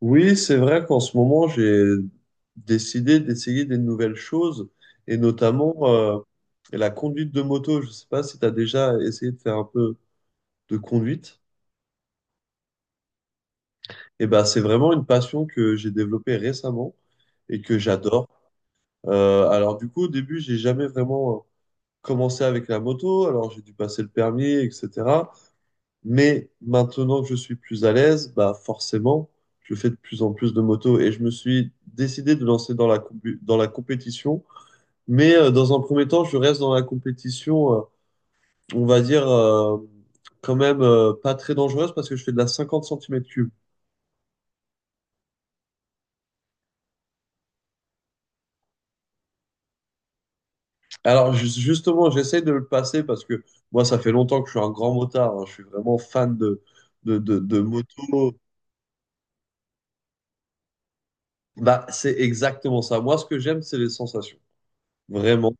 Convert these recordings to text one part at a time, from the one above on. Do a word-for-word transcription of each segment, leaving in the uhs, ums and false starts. Oui, c'est vrai qu'en ce moment, j'ai décidé d'essayer des nouvelles choses et notamment euh, la conduite de moto. Je sais pas si tu as déjà essayé de faire un peu de conduite. Et ben, c'est vraiment une passion que j'ai développée récemment et que j'adore. Euh, alors du coup, au début, j'ai jamais vraiment euh, commencé avec la moto. Alors j'ai dû passer le permis, et cetera. Mais maintenant que je suis plus à l'aise, bah forcément, je fais de plus en plus de motos et je me suis décidé de lancer dans la, compu- dans la compétition. Mais euh, dans un premier temps, je reste dans la compétition, euh, on va dire, euh, quand même euh, pas très dangereuse parce que je fais de la cinquante centimètres cubes. Alors ju- justement, j'essaie de le passer parce que moi, ça fait longtemps que je suis un grand motard. hein. Je suis vraiment fan de, de, de, de moto. Bah, c'est exactement ça. Moi, ce que j'aime, c'est les sensations. Vraiment.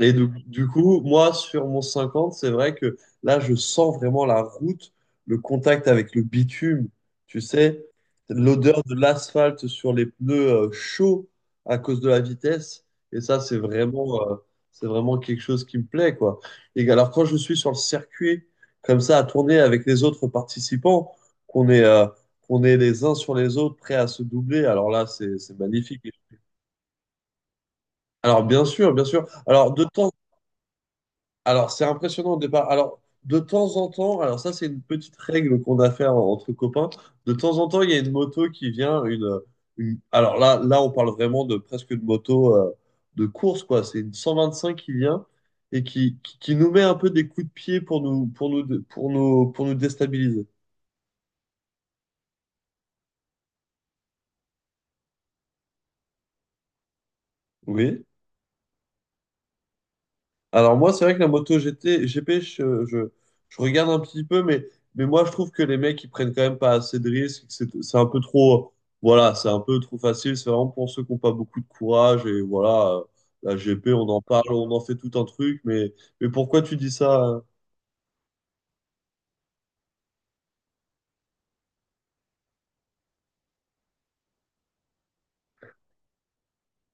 Et du, du coup, moi, sur mon cinquante, c'est vrai que là, je sens vraiment la route, le contact avec le bitume, tu sais, l'odeur de l'asphalte sur les pneus euh, chauds à cause de la vitesse. Et ça, c'est vraiment, euh, c'est vraiment quelque chose qui me plaît, quoi. Et alors, quand je suis sur le circuit, comme ça, à tourner avec les autres participants, qu'on est, euh, qu'on est les uns sur les autres, prêts à se doubler, alors là, c'est, c'est magnifique. Alors, bien sûr, bien sûr. Alors, de temps Alors, c'est impressionnant au départ. Alors, de temps en temps, alors ça, c'est une petite règle qu'on a fait en- entre copains. De temps en temps, il y a une moto qui vient, une, une- alors là, là, on parle vraiment de presque une moto euh, de course, quoi. C'est une cent vingt cinq qui vient et qui, qui, qui nous met un peu des coups de pied pour nous, pour nous, pour nous, pour nous déstabiliser. Oui. Alors moi, c'est vrai que la moto G T, G P, je, je, je regarde un petit peu, mais, mais moi, je trouve que les mecs, ils prennent quand même pas assez de risques. Que C'est c'est un peu trop, voilà, c'est un peu trop facile. C'est vraiment pour ceux qui n'ont pas beaucoup de courage. Et voilà, euh, la G P, on en parle, on en fait tout un truc. Mais, mais pourquoi tu dis ça? euh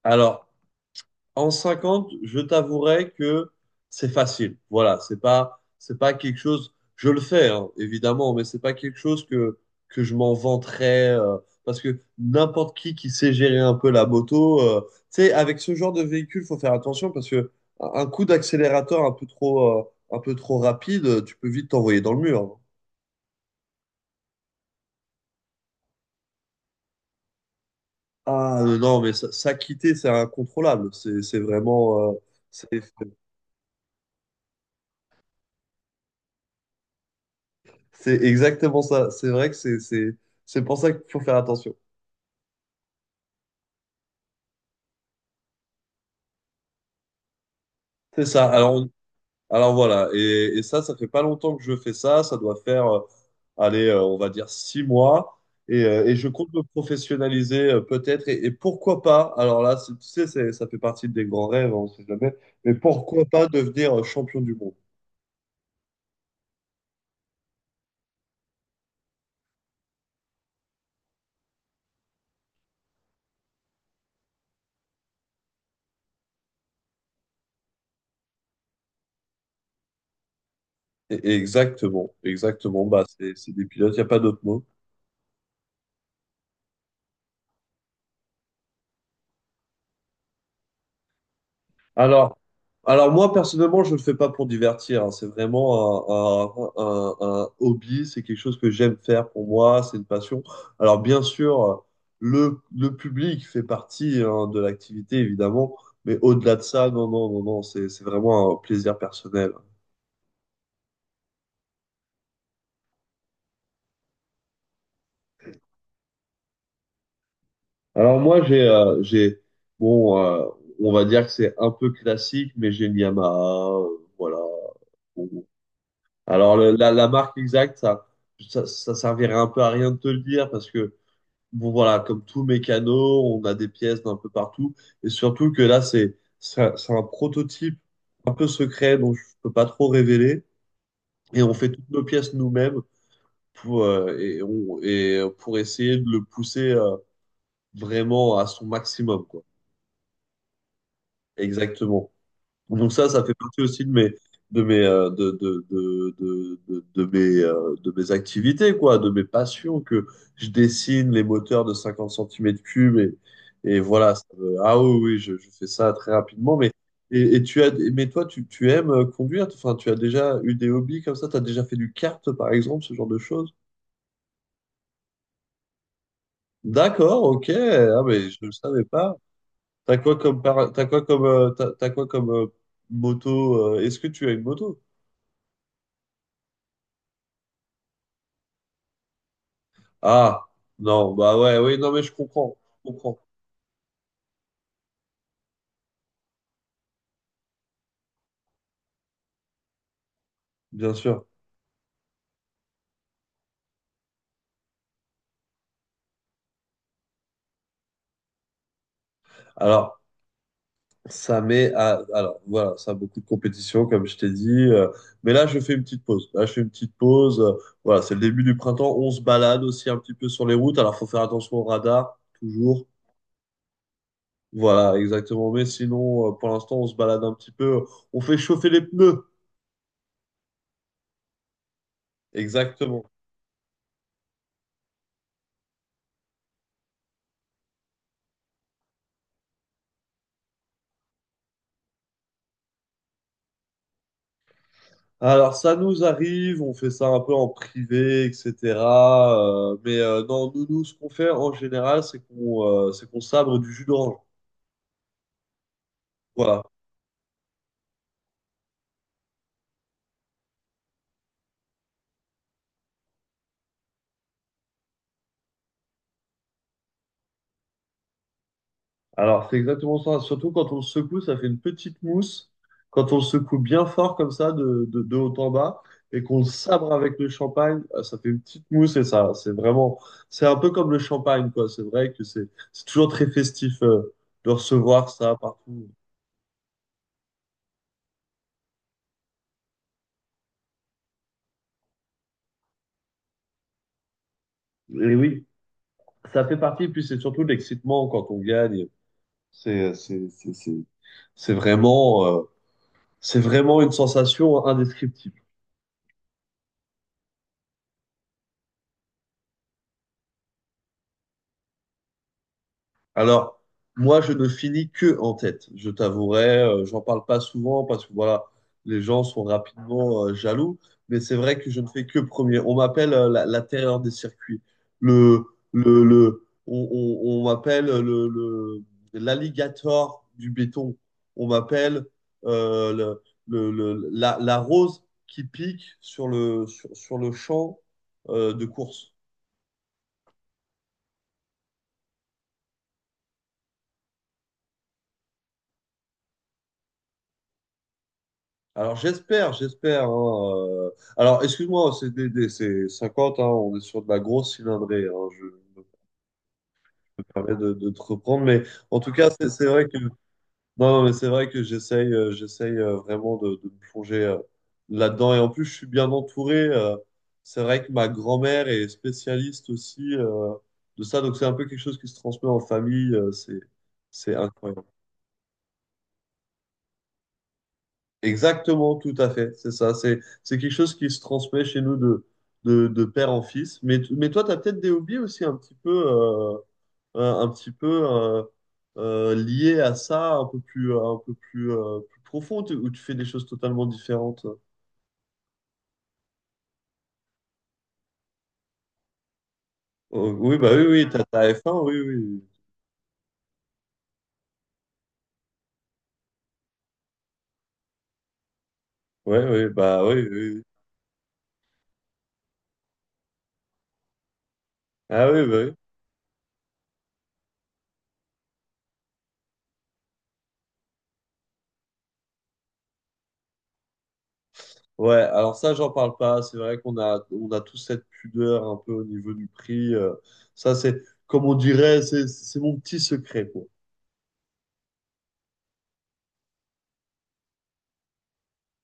Alors, en cinquante, je t'avouerai que c'est facile. Voilà, c'est pas, c'est pas quelque chose. Je le fais, hein, évidemment, mais c'est pas quelque chose que, que je m'en vanterais. euh, Parce que n'importe qui qui sait gérer un peu la moto, euh, tu sais, avec ce genre de véhicule, faut faire attention parce que un coup d'accélérateur un peu trop, euh, un peu trop rapide, euh, tu peux vite t'envoyer dans le mur. hein. Ah euh, non, mais ça, ça, quitter, c'est incontrôlable. C'est, c'est vraiment. euh, c'est- C'est exactement ça. C'est vrai que c'est c'est c'est pour ça qu'il faut faire attention. C'est ça. Alors on- alors voilà. Et, et ça, ça fait pas longtemps que je fais ça. Ça doit faire, euh, allez, euh, on va dire six mois. Et, euh, et je compte me professionnaliser euh, peut-être. Et, et pourquoi pas? Alors là, c'est- tu sais, c'est- ça fait partie des grands rêves, hein, on sait jamais. Mais pourquoi pas devenir euh, champion du monde? Et- et exactement, exactement. Bah, c'est c'est des pilotes. Il y a pas d'autre mot. Alors, alors moi, personnellement, je ne le fais pas pour divertir. hein. C'est vraiment un, un- un- un hobby, c'est quelque chose que j'aime faire pour moi, c'est une passion. Alors, bien sûr, le, le public fait partie hein, de l'activité, évidemment, mais au-delà de ça, non, non, non, non, c'est, c'est vraiment un plaisir personnel. Alors, moi, j'ai, euh, j'ai, bon, euh, on va dire que c'est un peu classique, mais j'ai une Yamaha, euh, voilà. Bon. Alors, le- la, la marque exacte, ça, ça, ça servirait un peu à rien de te le dire, parce que bon voilà, comme tout mécano, on a des pièces d'un peu partout. Et surtout que là, c'est c'est un, c'est un prototype un peu secret dont je peux pas trop révéler. Et on fait toutes nos pièces nous-mêmes pour, euh, et on, et pour essayer de le pousser euh, vraiment à son maximum, quoi. Exactement. Donc ça, ça fait partie aussi de mes, de mes, euh, de, de, de, de, de, de mes, euh, de mes activités, quoi, de mes passions, que je dessine les moteurs de cinquante centimètres cubes et, et voilà. Ça me- ah oui, oui, je, je fais ça très rapidement. Mais, et, et tu as, mais toi, tu, tu aimes euh, conduire? Enfin, tu as déjà eu des hobbies comme ça? Tu as déjà fait du kart, par exemple, ce genre de choses? D'accord, ok. Ah, mais je ne savais pas. T'as quoi comme, par- t'as quoi comme, euh, t'as, t'as quoi comme euh, moto? euh, Est-ce que tu as une moto? Ah, non, bah ouais, oui, non, mais je comprends, je comprends, bien sûr. Alors, ça met à, alors, voilà, ça a beaucoup de compétition, comme je t'ai dit, euh, mais là, je fais une petite pause. Là, je fais une petite pause. euh, Voilà, c'est le début du printemps. On se balade aussi un petit peu sur les routes. Alors, faut faire attention au radar, toujours. Voilà, exactement. Mais sinon, euh, pour l'instant, on se balade un petit peu. On fait chauffer les pneus. Exactement. Alors, ça nous arrive, on fait ça un peu en privé, et cetera euh, mais euh, Non, nous, nous, ce qu'on fait en général, c'est qu'on euh, c'est qu'on sabre du jus d'orange. Voilà. Alors, c'est exactement ça. Surtout quand on le secoue, ça fait une petite mousse. Quand on le secoue bien fort comme ça, de, de, de haut en bas, et qu'on le sabre avec le champagne, euh, ça fait une petite mousse et ça, c'est vraiment, c'est un peu comme le champagne, quoi. C'est vrai que c'est c'est toujours très festif euh, de recevoir ça partout. Et oui. Ça fait partie, puis c'est surtout l'excitement quand on gagne. C'est, c'est, c'est, c'est, c'est vraiment, euh, c'est vraiment une sensation indescriptible. Alors, moi, je ne finis que en tête, je t'avouerai. euh, J'en parle pas souvent parce que voilà, les gens sont rapidement euh, jaloux. Mais c'est vrai que je ne fais que premier. On m'appelle euh, la, la terreur des circuits. Le, le, le, on on- on m'appelle euh, le, le- l'alligator du béton. On m'appelle euh, le, le- le- la, la rose qui pique sur le, sur, sur le champ euh, de course. Alors j'espère, j'espère. hein, euh. Alors excuse-moi, c'est des, des- c'est cinquante, hein, on est sur de la grosse cylindrée, hein, je me permets de, de te reprendre, mais en tout cas, c'est c'est vrai que non, non, mais c'est vrai que j'essaye, euh, j'essaye euh, vraiment de, de me plonger euh, là-dedans. Et en plus, je suis bien entouré. euh. C'est vrai que ma grand-mère est spécialiste aussi euh, de ça, donc c'est un peu quelque chose qui se transmet en famille. euh, c'est c'est incroyable. Exactement, tout à fait. C'est ça. C'est, c'est quelque chose qui se transmet chez nous de, de, de père en fils. Mais, t- mais toi, tu as peut-être des hobbies aussi un petit peu, euh, un, un petit peu euh, euh, liés à ça, un peu plus, un peu plus, euh, plus profond, tu- où tu fais des choses totalement différentes. Oh, oui, bah oui, oui, t'as ta F un, oui, oui. Ouais, oui, bah oui, oui. Ah oui, bah oui. Ouais, alors ça, j'en parle pas. C'est vrai qu'on a, on a tous cette pudeur un peu au niveau du prix. euh, ça, c'est, comme on dirait, c'est c'est mon petit secret, quoi.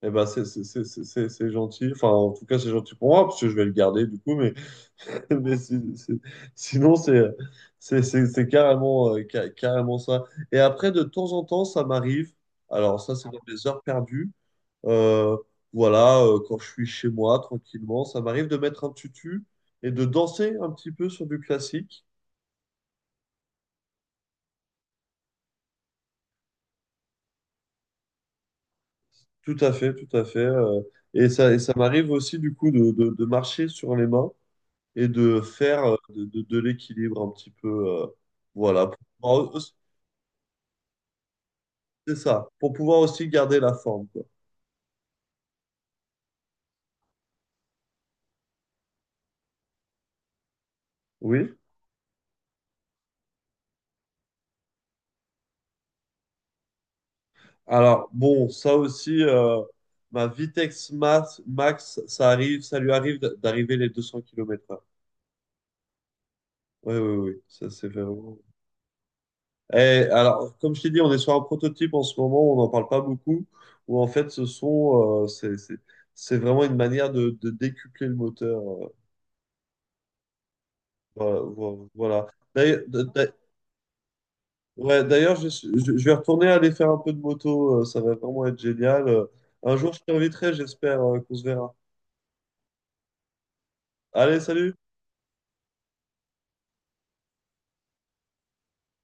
Eh ben, c'est c'est- c'est- c'est- c'est- c'est gentil. Enfin, en tout cas, c'est gentil pour moi, parce que je vais le garder, du coup. Mais, mais si- si- sinon, c'est c'est- c'est- c'est carrément, euh, ca- carrément ça. Et après, de temps en temps, ça m'arrive. Alors, ça, c'est dans les heures perdues. Euh, voilà, euh, quand je suis chez moi tranquillement, ça m'arrive de mettre un tutu et de danser un petit peu sur du classique. Tout à fait, tout à fait. Euh, et ça, et ça m'arrive aussi du coup de, de- de marcher sur les mains et de faire euh, de, de- de l'équilibre un petit peu. euh, Voilà, pour pouvoir aussi- c'est ça, pour pouvoir aussi garder la forme, quoi. Oui. Alors bon, ça aussi, euh, ma Vitex Max, Max, ça arrive, ça lui arrive d'arriver les deux cents kilomètres heure. Oui, oui, oui, ça c'est vraiment. Eh, alors, comme je t'ai dit, on est sur un prototype en ce moment, on n'en parle pas beaucoup, où en fait, ce sont, euh, c'est, c'est, c'est vraiment une manière de, de décupler le moteur. euh, Voilà. Vo- voilà. D'ailleurs, d'a- d'a- ouais, d'ailleurs, je, suis- je- je vais retourner aller faire un peu de moto, euh, ça va vraiment être génial. Euh, Un jour, je t'inviterai, j'espère, euh, qu'on se verra. Allez, salut!